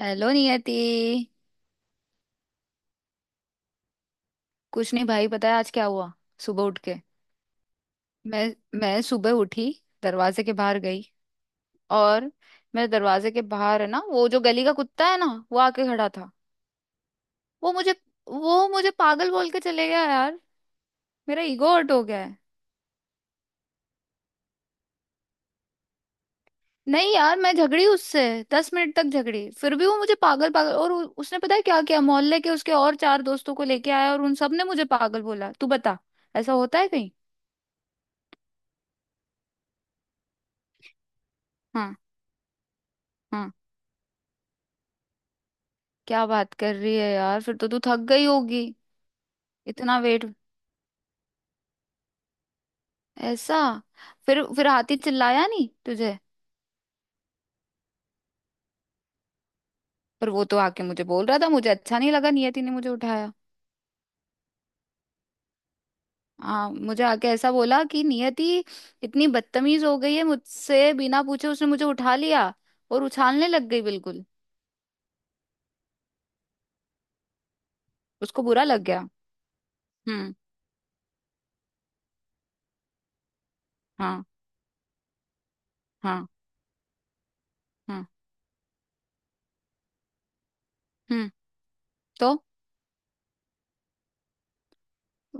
Hello Niyati. कुछ नहीं भाई, पता है आज क्या हुआ। सुबह उठ के मैं मैं सुबह उठी। दरवाजे के बाहर गई। और मेरे दरवाजे के बाहर है ना वो जो गली का कुत्ता है ना, वो आके खड़ा था। वो मुझे वो मुझे पागल बोल के चले गया यार। मेरा ईगो हर्ट हो गया है। नहीं यार, मैं झगड़ी उससे। 10 मिनट तक झगड़ी फिर भी वो मुझे पागल पागल, और उसने पता है क्या किया, मोहल्ले के उसके और चार दोस्तों को लेके आया और उन सब ने मुझे पागल बोला। तू बता, ऐसा होता है कहीं। हाँ हाँ। क्या बात कर रही है यार, फिर तो तू थक गई होगी। इतना वेट। ऐसा। फिर हाथी चिल्लाया नहीं तुझे? पर वो तो आके मुझे बोल रहा था मुझे अच्छा नहीं लगा, नियति ने मुझे उठाया। हाँ, मुझे आके ऐसा बोला कि नियति इतनी बदतमीज हो गई है, मुझसे बिना पूछे उसने मुझे उठा लिया और उछालने लग गई बिल्कुल। उसको बुरा लग गया। हम्म। हाँ हाँ हाँ। हम्म। तो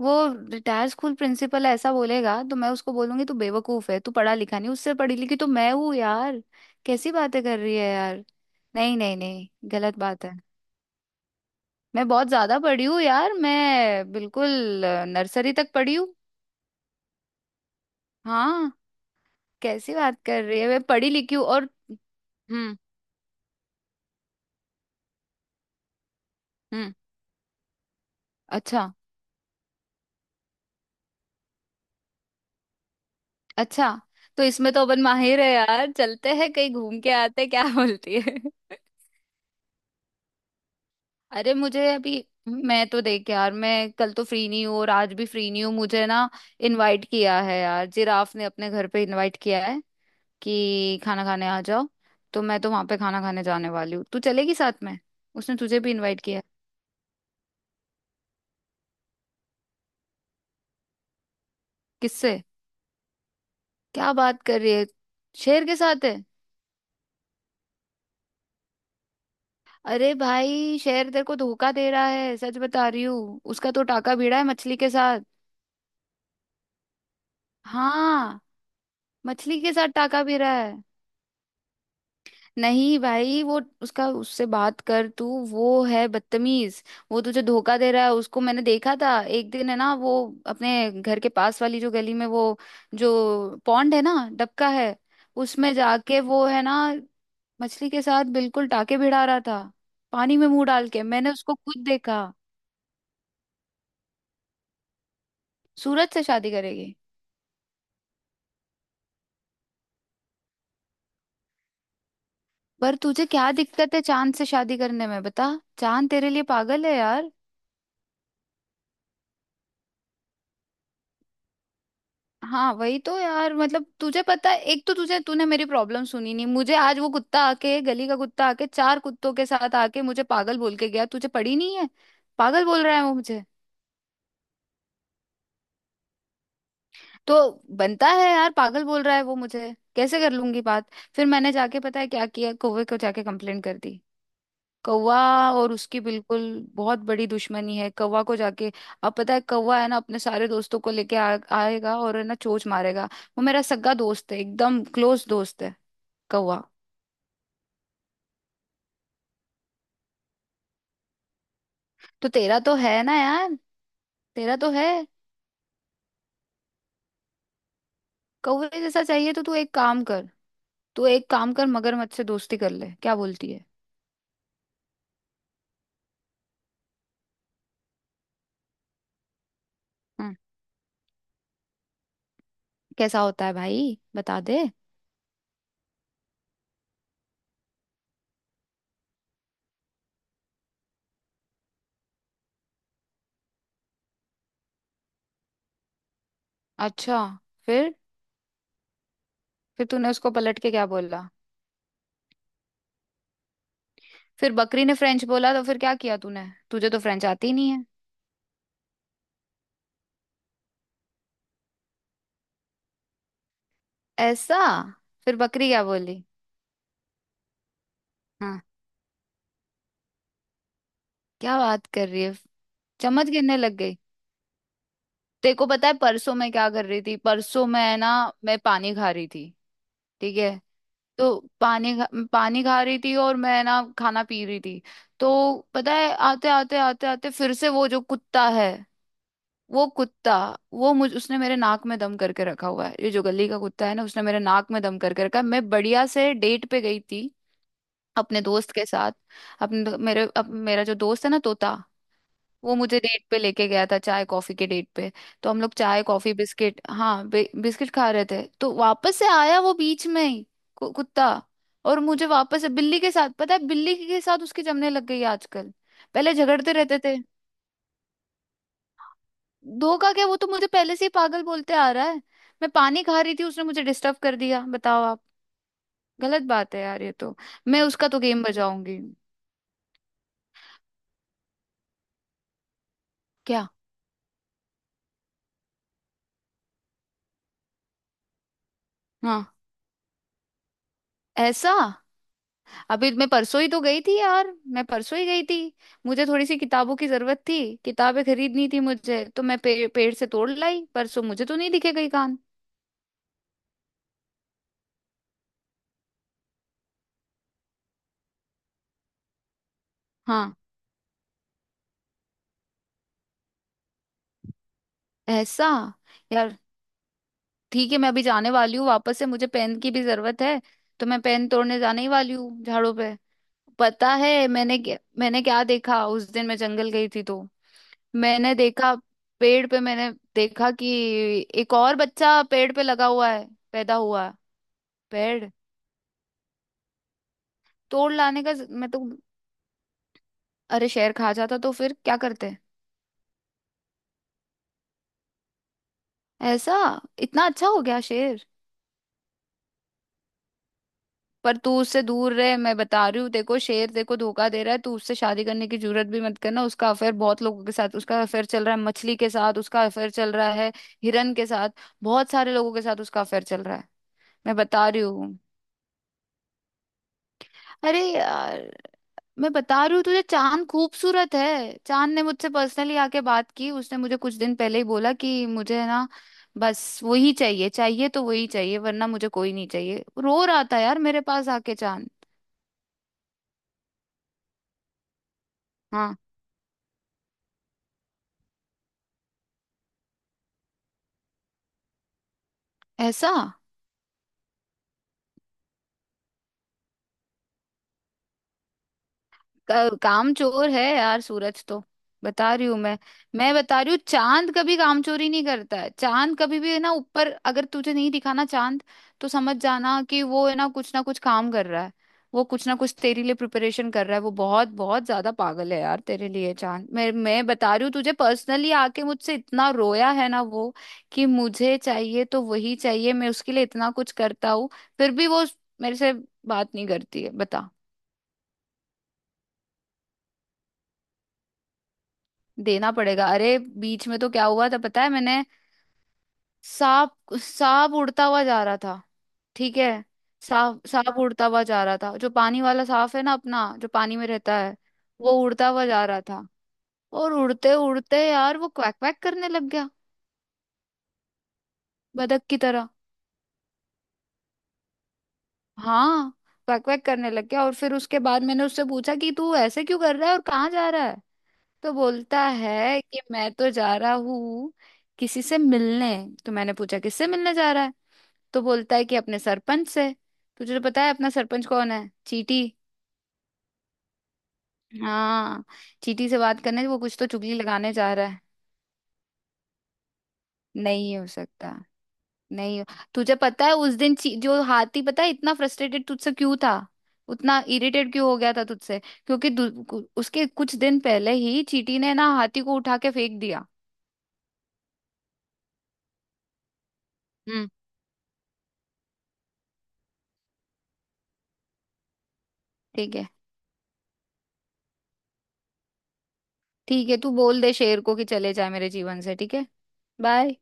वो रिटायर स्कूल प्रिंसिपल ऐसा बोलेगा तो मैं उसको बोलूंगी, तू बेवकूफ है, तू पढ़ा लिखा नहीं, उससे पढ़ी लिखी तो मैं हूँ यार। कैसी बातें कर रही है यार। नहीं नहीं नहीं, गलत बात है। मैं बहुत ज्यादा पढ़ी हूँ यार, मैं बिल्कुल नर्सरी तक पढ़ी हूँ। हाँ। कैसी बात कर रही है, मैं पढ़ी लिखी हूँ। और हम्म। हम्म। अच्छा। अच्छा। तो इसमें तो अपन माहिर है यार, चलते हैं कहीं घूम के आते हैं, क्या बोलती है। अरे मुझे अभी, मैं तो देख यार, मैं कल तो फ्री नहीं हूँ और आज भी फ्री नहीं हूँ, मुझे ना इनवाइट किया है यार, जिराफ ने अपने घर पे इनवाइट किया है कि खाना खाने आ जाओ। तो मैं तो वहां पे खाना खाने जाने वाली हूँ, तू चलेगी साथ में, उसने तुझे भी इनवाइट किया है। किससे? क्या बात कर रही है, शेर के साथ है? अरे भाई शेर तेरे को धोखा दे रहा है, सच बता रही हूँ, उसका तो टाका भिड़ा है मछली के साथ। हाँ। मछली के साथ टाका भिड़ा है। नहीं भाई, वो उसका उससे बात कर, तू, वो है बदतमीज। वो तुझे धोखा दे रहा है, उसको मैंने देखा था एक दिन है ना, वो अपने घर के पास वाली जो गली में, वो जो पॉन्ड है ना, डबका है, उसमें जाके वो है ना मछली के साथ बिल्कुल टाके भिड़ा रहा था। पानी में मुंह डाल के मैंने उसको खुद देखा। सूरज से शादी करेगी? पर तुझे क्या दिक्कत है चांद से शादी करने में, बता। चांद तेरे लिए पागल है यार। हाँ वही तो यार, मतलब तुझे पता है, एक तो तुझे, तूने मेरी प्रॉब्लम सुनी नहीं, मुझे आज वो कुत्ता आके, गली का कुत्ता आके, चार कुत्तों के साथ आके मुझे पागल बोल के गया, तुझे पड़ी नहीं है। पागल बोल रहा है वो मुझे। तो बनता है यार, पागल बोल रहा है वो मुझे, कैसे कर लूंगी बात। फिर मैंने जाके पता है क्या किया, कौवे को जाके कंप्लेंट कर दी। कौवा और उसकी बिल्कुल बहुत बड़ी दुश्मनी है, कौवा को जाके। अब पता है, कौवा है ना, अपने सारे दोस्तों को लेके आएगा और है ना चोंच मारेगा। वो मेरा सगा दोस्त है, एकदम क्लोज दोस्त है, कौवा। तो तेरा तो है ना यार। तेरा तो है। कौवे जैसा चाहिए तो तू एक काम कर मगरमच्छ से दोस्ती कर ले, क्या बोलती है। हम्म। कैसा होता है भाई, बता दे। अच्छा। फिर। फिर तूने उसको पलट के क्या बोला? फिर बकरी ने फ्रेंच बोला तो फिर क्या किया तूने, तुझे तो फ्रेंच आती ही नहीं है। ऐसा? फिर बकरी क्या बोली? हाँ। क्या बात कर रही है, चम्मच गिरने लग गई। तेरे को पता है परसों मैं क्या कर रही थी, परसों मैं ना, मैं पानी खा रही थी, ठीक है। तो पानी खा रही थी और मैं ना खाना पी रही थी। तो पता है, आते आते आते आते फिर से वो जो कुत्ता है, वो कुत्ता, वो मुझ उसने मेरे नाक में दम करके रखा हुआ है, ये जो गली का कुत्ता है ना, उसने मेरे नाक में दम करके रखा है। मैं बढ़िया से डेट पे गई थी अपने दोस्त के साथ, अपने दो- मेरे अप, मेरा जो दोस्त है ना, तोता, वो मुझे डेट पे लेके गया था, चाय कॉफी के डेट पे। तो हम लोग चाय कॉफी बिस्किट, हाँ, बिस्किट खा रहे थे तो वापस से आया वो बीच में ही, कुत्ता। और मुझे वापस से बिल्ली के साथ, पता है, बिल्ली के साथ उसकी जमने लग गई है आजकल, पहले झगड़ते रहते थे। धोखा क्या, वो तो मुझे पहले से ही पागल बोलते आ रहा है। मैं पानी खा रही थी उसने मुझे डिस्टर्ब कर दिया, बताओ आप, गलत बात है यार ये तो। मैं उसका तो गेम बजाऊंगी। क्या? हाँ। ऐसा? अभी मैं परसों ही तो गई थी यार, मैं परसों ही गई थी, मुझे थोड़ी सी किताबों की जरूरत थी, किताबें खरीदनी थी मुझे, तो मैं पेड़ से तोड़ लाई परसों, मुझे तो नहीं दिखे कहीं कान। हाँ। ऐसा। यार ठीक है, मैं अभी जाने वाली हूँ, वापस से मुझे पेन की भी जरूरत है, तो मैं पेन तोड़ने जाने ही वाली हूँ झाड़ों पे। पता है मैंने क्या देखा उस दिन, मैं जंगल गई थी तो मैंने देखा, पेड़ पे मैंने देखा कि एक और बच्चा पेड़ पे लगा हुआ है, पैदा हुआ है, पेड़। तोड़ लाने का मैं तो, अरे शेर खा जाता तो फिर क्या करते। ऐसा? इतना अच्छा हो गया शेर। पर तू उससे दूर रहे, मैं बता रही हूँ, देखो शेर देखो धोखा दे रहा है, तू उससे शादी करने की जरूरत भी मत करना, उसका अफेयर बहुत लोगों के साथ, उसका अफेयर चल रहा है मछली के साथ, उसका अफेयर चल रहा है हिरन के साथ, बहुत सारे लोगों के साथ उसका अफेयर चल रहा है। मैं बता रही हूँ। अरे यार, मैं बता रही हूँ तुझे, चांद खूबसूरत है। चांद ने मुझसे पर्सनली आके बात की, उसने मुझे कुछ दिन पहले ही बोला कि मुझे ना बस वही चाहिए, चाहिए तो वही चाहिए, वरना मुझे कोई नहीं चाहिए। रो रहा था यार मेरे पास आके चांद। हाँ। ऐसा। काम चोर है यार सूरज तो, बता रही हूँ मैं बता रही हूँ, चांद कभी काम चोरी नहीं करता है, चांद कभी भी है ना ऊपर अगर तुझे नहीं दिखाना चांद, तो समझ जाना कि वो है ना कुछ काम कर रहा है, वो कुछ ना कुछ तेरे लिए प्रिपरेशन कर रहा है। वो बहुत बहुत ज्यादा पागल है यार तेरे लिए चांद, मैं बता रही हूँ तुझे, पर्सनली आके मुझसे इतना रोया है ना वो कि मुझे चाहिए तो वही चाहिए, मैं उसके लिए इतना कुछ करता हूँ फिर भी वो मेरे से बात नहीं करती है, बता। देना पड़ेगा। अरे बीच में तो क्या हुआ था पता है, मैंने, सांप सांप उड़ता हुआ जा रहा था, ठीक है, सांप सांप उड़ता हुआ जा रहा था, जो पानी वाला सांप है ना अपना, जो पानी में रहता है, वो उड़ता हुआ जा रहा था और उड़ते उड़ते यार वो क्वैक क्वैक करने लग गया बतख की तरह। हाँ। क्वैक क्वैक करने लग गया और फिर उसके बाद मैंने उससे पूछा कि तू ऐसे क्यों कर रहा है और कहाँ जा रहा है। तो बोलता है कि मैं तो जा रहा हूँ किसी से मिलने। तो मैंने पूछा किससे मिलने जा रहा है। तो बोलता है कि अपने सरपंच से। तुझे तो पता है अपना सरपंच कौन है, चीटी। हाँ, चीटी से बात करने, वो कुछ तो चुगली लगाने जा रहा है। नहीं हो सकता। नहीं हो। तुझे पता है उस दिन जो हाथी, पता है, इतना फ्रस्ट्रेटेड तुझसे क्यों था, उतना इरिटेट क्यों हो गया था तुझसे, क्योंकि उसके कुछ दिन पहले ही चीटी ने ना हाथी को उठा के फेंक दिया। हम्म। ठीक है। ठीक है, तू बोल दे शेर को कि चले जाए मेरे जीवन से, ठीक है। बाय।